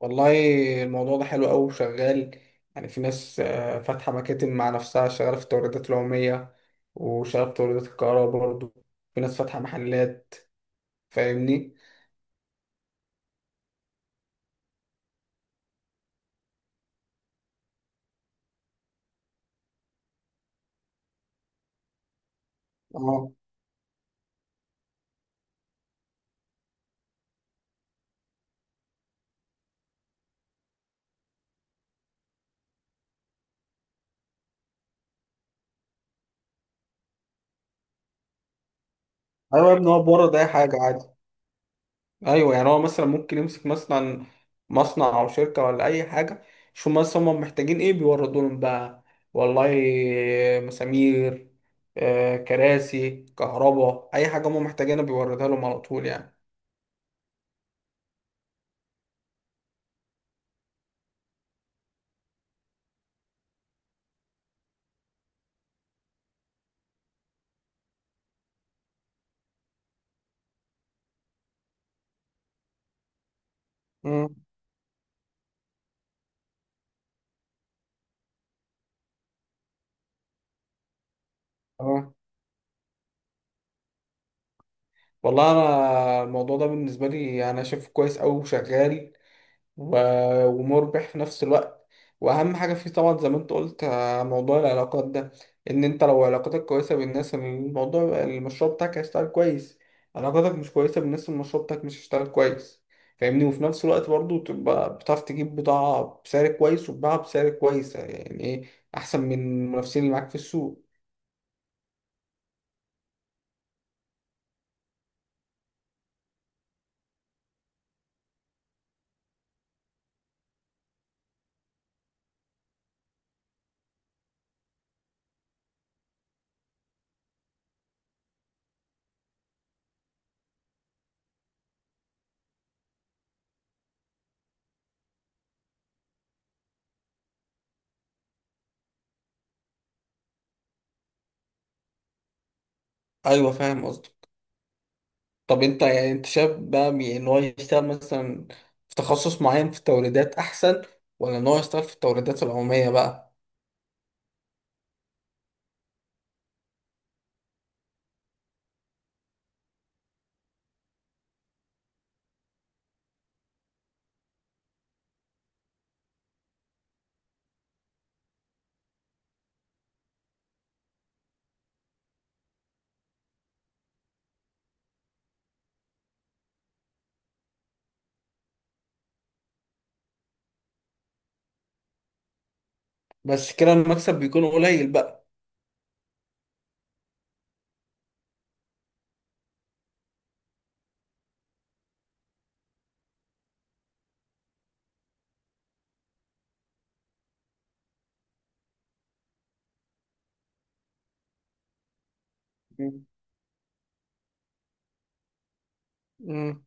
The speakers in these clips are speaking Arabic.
والله، الموضوع ده حلو أوي وشغال. يعني في ناس فاتحة مكاتب مع نفسها، شغالة في التوريدات العمومية وشغالة في توريدات الكهرباء برضه. في ناس فاتحة محلات. فاهمني؟ اه. أيوة يا ابني، هو بورد أي حاجة عادي. أيوة، يعني هو مثلا ممكن يمسك مثلا مصنع أو شركة ولا أي حاجة. شوف مثلا هما محتاجين إيه، بيوردوا لهم بقى. والله، مسامير، كراسي كهرباء، أي حاجة هما محتاجينها بيوردها لهم على طول يعني. مم. اه. والله انا الموضوع ده بالنسبه لي، يعني انا شايفه كويس قوي وشغال، و- ومربح في نفس الوقت. واهم حاجه فيه طبعا، زي ما انت قلت، موضوع العلاقات ده. ان انت لو علاقاتك كويسه بالناس، الموضوع المشروع بتاعك هيشتغل كويس. علاقاتك مش كويسه بالناس، المشروع بتاعك مش هيشتغل كويس. فاهمني. وفي نفس الوقت برضه تبقى بتعرف تجيب بضاعه بسعر كويس وتباعها بسعر كويس، يعني ايه احسن من المنافسين اللي معاك في السوق. ايوه، فاهم قصدي. طب انت، يعني انت شايف بقى، ان هو يشتغل مثلا في تخصص معين في التوريدات احسن، ولا ان هو يشتغل في التوريدات العمومية بقى؟ بس كده المكسب بيكون قليل بقى. مم. امم.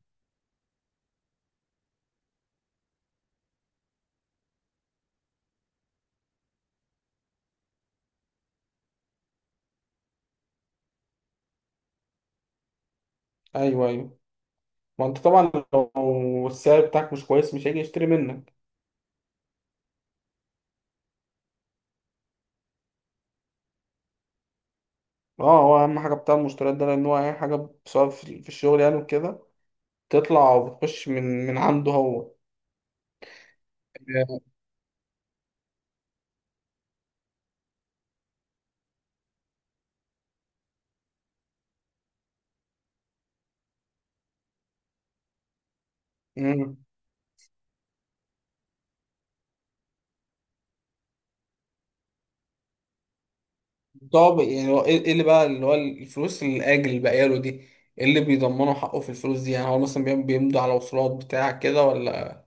ايوه، ايوه. ما انت طبعا لو السعر بتاعك مش كويس، مش هيجي يشتري منك. اه، هو اهم حاجة بتاع المشتريات ده، لان هو اي حاجة سواء في الشغل يعني وكده، تطلع وبتخش من عنده هو. امم. طب يعني هو، إيه اللي بقى، اللي هو الفلوس الاجل اللي باقيه له دي، إيه اللي بيضمنوا حقه في الفلوس دي؟ يعني هو مثلا بيمضوا على وصولات بتاع كده ولا؟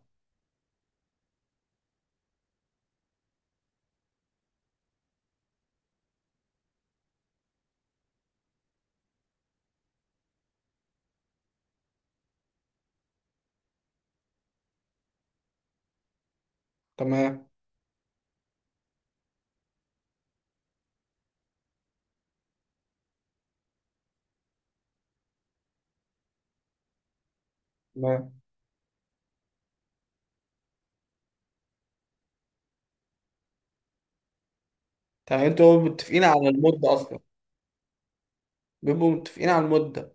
تمام. تمام، تمام، انتوا متفقين على المده اصلا؟ بيبقوا متفقين على المده؟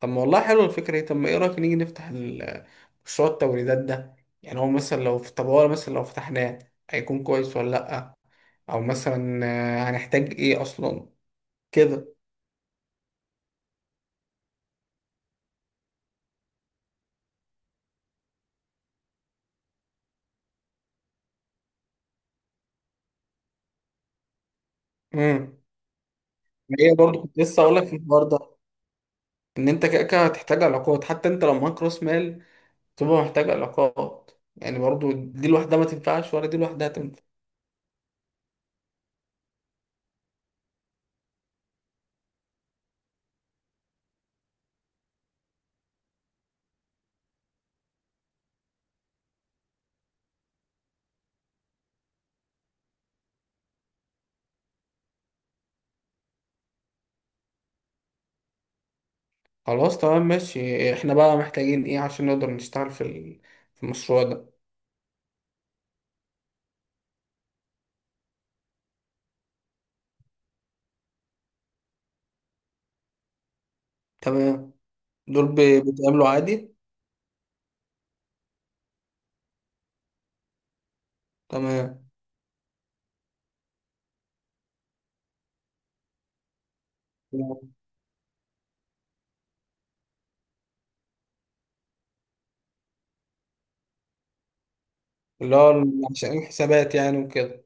طب ما والله حلوه الفكره دي. طب ما ايه رايك نيجي نفتح مشروع التوريدات ده. يعني هو مثلا لو في، طب هو مثلا لو فتحناه، هيكون كويس ولا لا؟ او مثلا هنحتاج ايه اصلا كده؟ امم. هي برضه كنت لسه اقول لك في الحوار ده، ان انت كده كده هتحتاج علاقات. حتى انت لو معاك راس مال، تبقى محتاج علاقات. يعني برضو دي لوحدها ما تنفعش ولا دي لوحدها تنفع. خلاص، تمام، ماشي. احنا بقى محتاجين ايه عشان نقدر نشتغل في المشروع ده؟ تمام. دول بيتعاملوا عادي؟ تمام. اللي هو عشان الحسابات يعني وكده.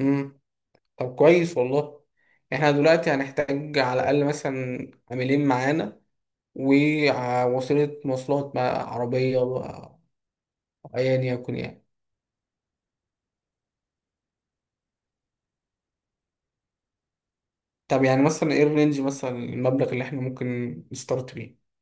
امم. طب كويس والله. احنا دلوقتي هنحتاج على الاقل مثلا عاملين معانا، ووسيلة مواصلات مع عربية أو أيا يكن يعني. طب يعني مثلا ايه الرينج، مثلا المبلغ اللي احنا ممكن نستارت بيه؟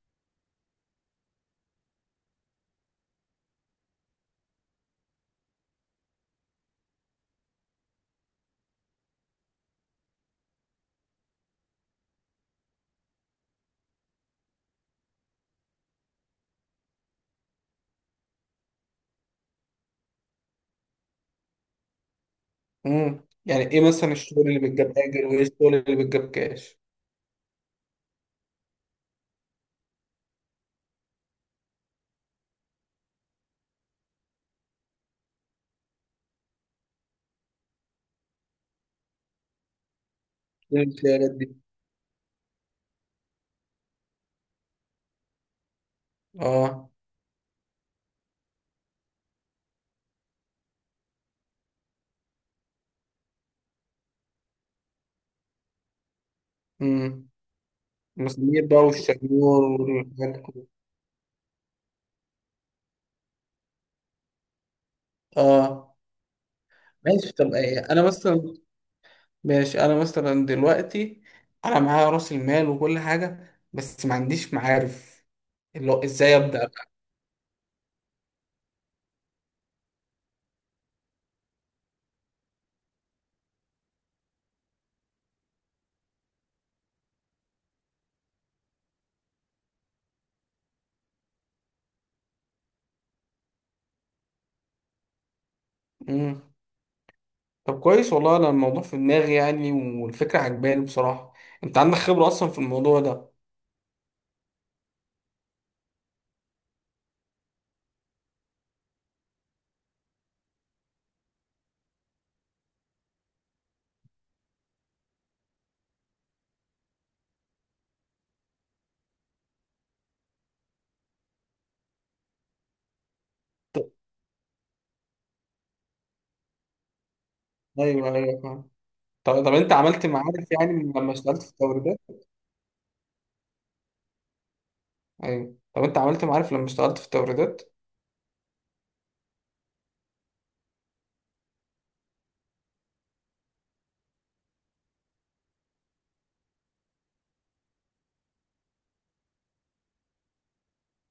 امم. يعني ايه مثلا الشغل اللي بتجاب اجل وايه الشغل اللي بتجاب كاش؟ ايه الخيارات دي؟ اه. امم. المسامير بقى والشنيور والحاجات دي كلها. اه. ماشي، طب ايه انا مثلا، ماشي، انا مثلا دلوقتي، انا معايا راس المال وكل حاجه بس ما عنديش معارف، اللي هو، ازاي ابدا بقى؟ امم. طب كويس والله. انا الموضوع في دماغي يعني، والفكره عجباني بصراحه. انت عندك خبره اصلا في الموضوع ده؟ ايوه، ايوه، فاهم. طب انت عملت معارف يعني من لما اشتغلت في التوريدات؟ ايوه. طب انت عملت معارف لما اشتغلت في التوريدات؟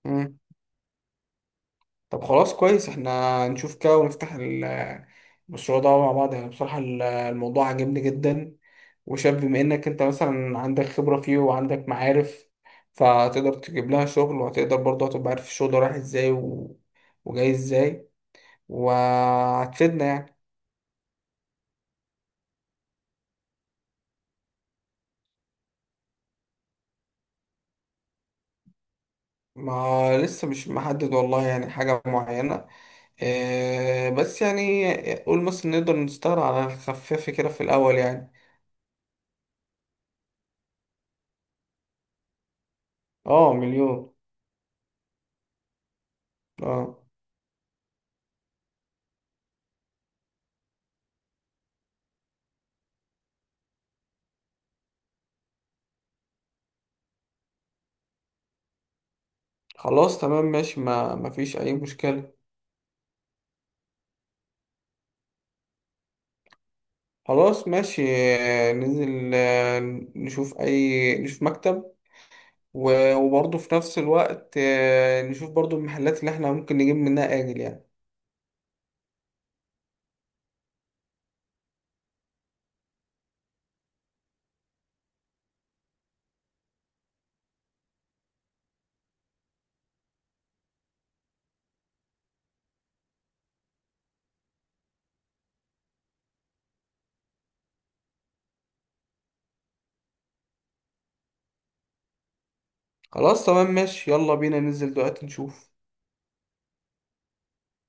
امم. طب خلاص، كويس. احنا نشوف كده ونفتح المشروع ده مع بعض. يعني بصراحة، الموضوع عجبني جدا. وشايف بما انك انت مثلا عندك خبرة فيه وعندك معارف، فهتقدر تجيب لها شغل، وهتقدر برضه هتبقى عارف الشغل ده رايح ازاي و... وجاي ازاي. وهتفيدنا يعني. ما لسه مش محدد والله يعني حاجة معينة، بس يعني قول مثلا نقدر نستغل على خفاف كده في الأول يعني. اه، مليون. اه، خلاص، تمام، ماشي، ما فيش أي مشكلة. خلاص، ماشي. ننزل، نشوف مكتب، و- وبرضه في نفس الوقت نشوف برضه المحلات اللي احنا ممكن نجيب منها آجل يعني. خلاص، تمام، ماشي. يلا بينا ننزل دلوقتي نشوف.